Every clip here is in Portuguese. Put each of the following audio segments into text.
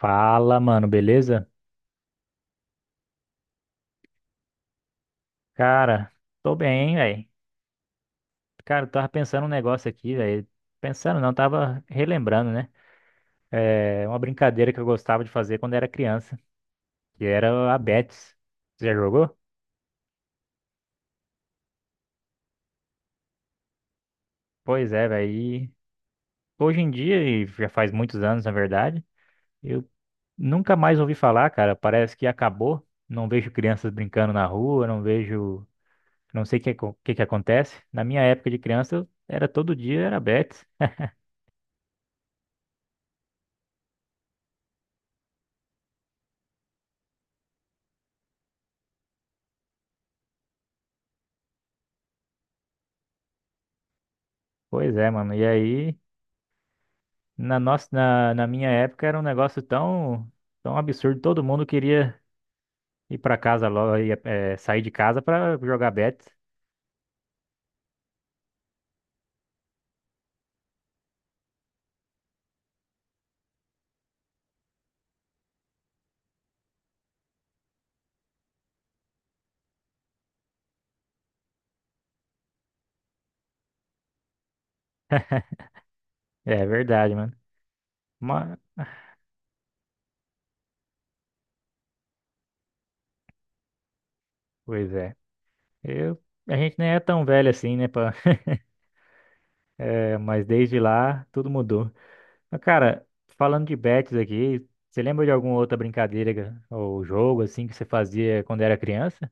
Fala, mano, beleza? Cara, tô bem, velho. Cara, eu tava pensando um negócio aqui, velho. Pensando não, tava relembrando, né? É uma brincadeira que eu gostava de fazer quando era criança, que era a Betis. Você já jogou? Pois é, velho. E hoje em dia, já faz muitos anos, na verdade, eu nunca mais ouvi falar, cara. Parece que acabou. Não vejo crianças brincando na rua, não vejo. Não sei o que que acontece. Na minha época de criança, eu era todo dia, era Betis. Pois é, mano. E aí, na minha época era um negócio tão, tão absurdo. Todo mundo queria ir pra casa logo, sair de casa pra jogar bet. É verdade, mano. Mas, pois é. Eu, a gente nem é tão velho assim, né, pá? Eh, mas desde lá tudo mudou. Mas, cara, falando de bets aqui, você lembra de alguma outra brincadeira ou jogo assim que você fazia quando era criança?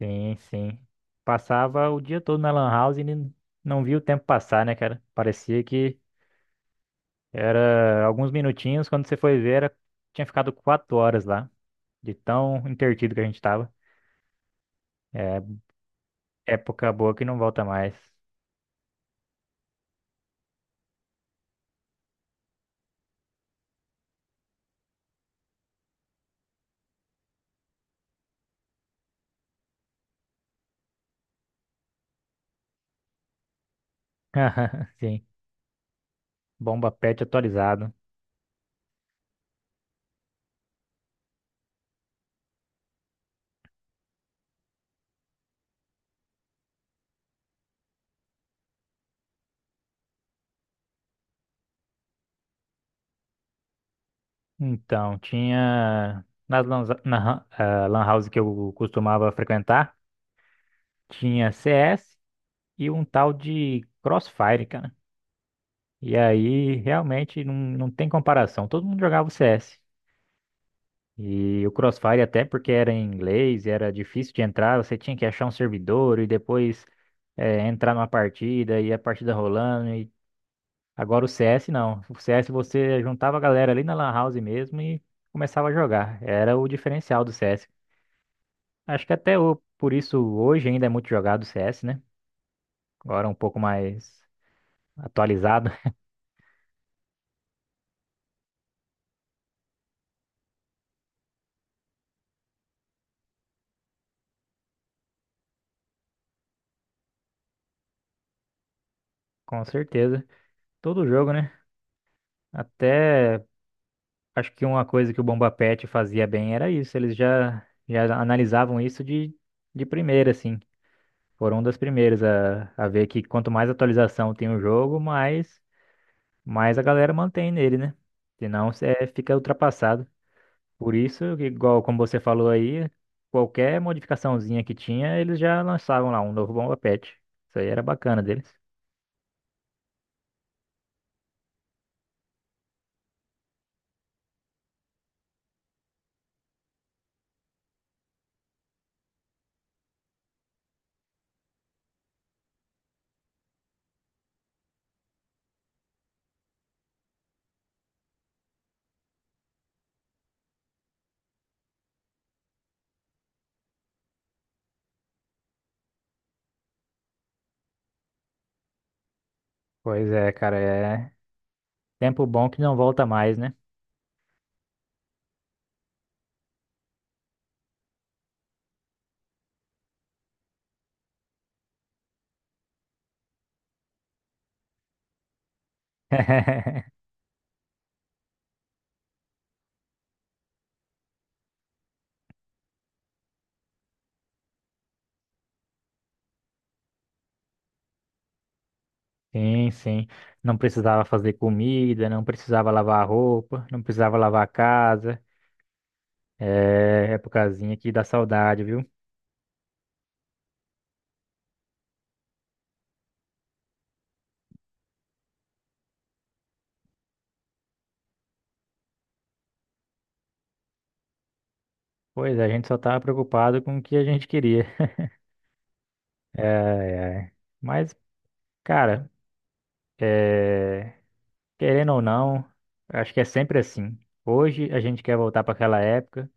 Sim, sim. Passava o dia todo na Lan House e não via o tempo passar, né, cara? Parecia que era alguns minutinhos, quando você foi ver, tinha ficado 4 horas lá, de tão entretido que a gente tava. É, época boa que não volta mais. Sim, bomba pet atualizado. Então, tinha nas lan, na, ah, lan house que eu costumava frequentar, tinha CS e um tal de Crossfire, cara. E aí, realmente, não tem comparação. Todo mundo jogava o CS. E o Crossfire, até porque era em inglês, era difícil de entrar, você tinha que achar um servidor e depois entrar numa partida e a partida rolando. Agora o CS não. O CS você juntava a galera ali na Lan House mesmo e começava a jogar. Era o diferencial do CS. Acho que até o... por isso hoje ainda é muito jogado o CS, né? Agora é um pouco mais atualizado. Com certeza. Todo jogo, né? Até. Acho que uma coisa que o Bomba Pet fazia bem era isso. Eles já analisavam isso de primeira, assim. Foram um das primeiras a ver que quanto mais atualização tem o jogo, mais, mais a galera mantém nele, né? Senão você fica ultrapassado. Por isso, que, igual como você falou aí, qualquer modificaçãozinha que tinha, eles já lançavam lá um novo Bomba Pet. Isso aí era bacana deles. Pois é, cara, é tempo bom que não volta mais, né? Sim, sim. Não precisava fazer comida, não precisava lavar roupa, não precisava lavar a casa. É épocazinha que dá saudade, viu? Pois é, a gente só tava preocupado com o que a gente queria. Ai, ai. Mas, cara, é, querendo ou não, acho que é sempre assim. Hoje a gente quer voltar para aquela época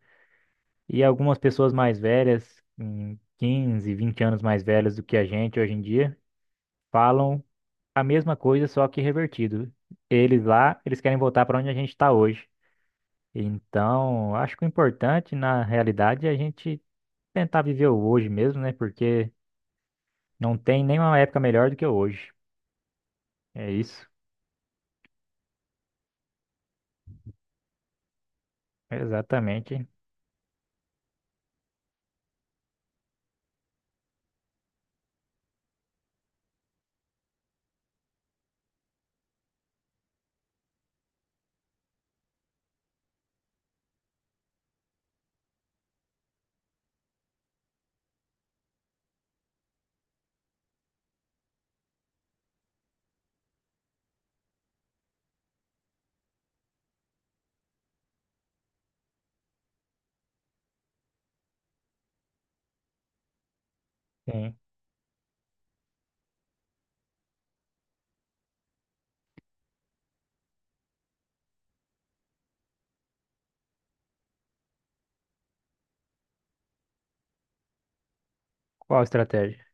e algumas pessoas mais velhas, 15, 20 anos mais velhas do que a gente hoje em dia, falam a mesma coisa, só que revertido. Eles lá, eles querem voltar para onde a gente está hoje. Então, acho que o importante na realidade é a gente tentar viver o hoje mesmo, né? Porque não tem nenhuma época melhor do que hoje. É isso. Exatamente. Sim. Qual a estratégia?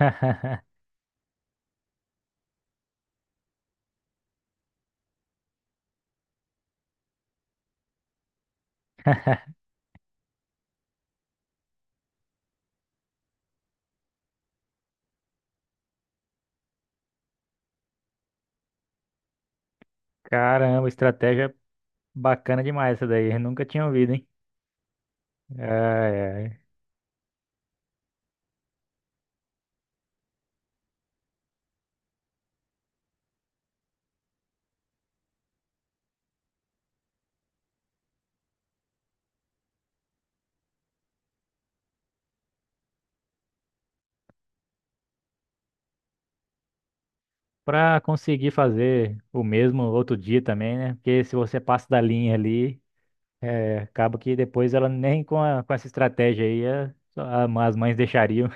Caramba, estratégia bacana demais essa daí. Eu nunca tinha ouvido, hein? Ai, ai. Pra conseguir fazer o mesmo outro dia também, né? Porque se você passa da linha ali. É, acaba que depois ela nem com essa estratégia aí só as mães deixariam.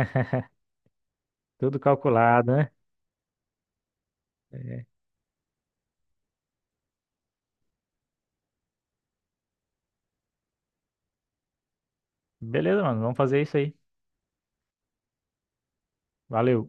Tudo calculado, né? É. Beleza, mano, vamos fazer isso aí. Valeu.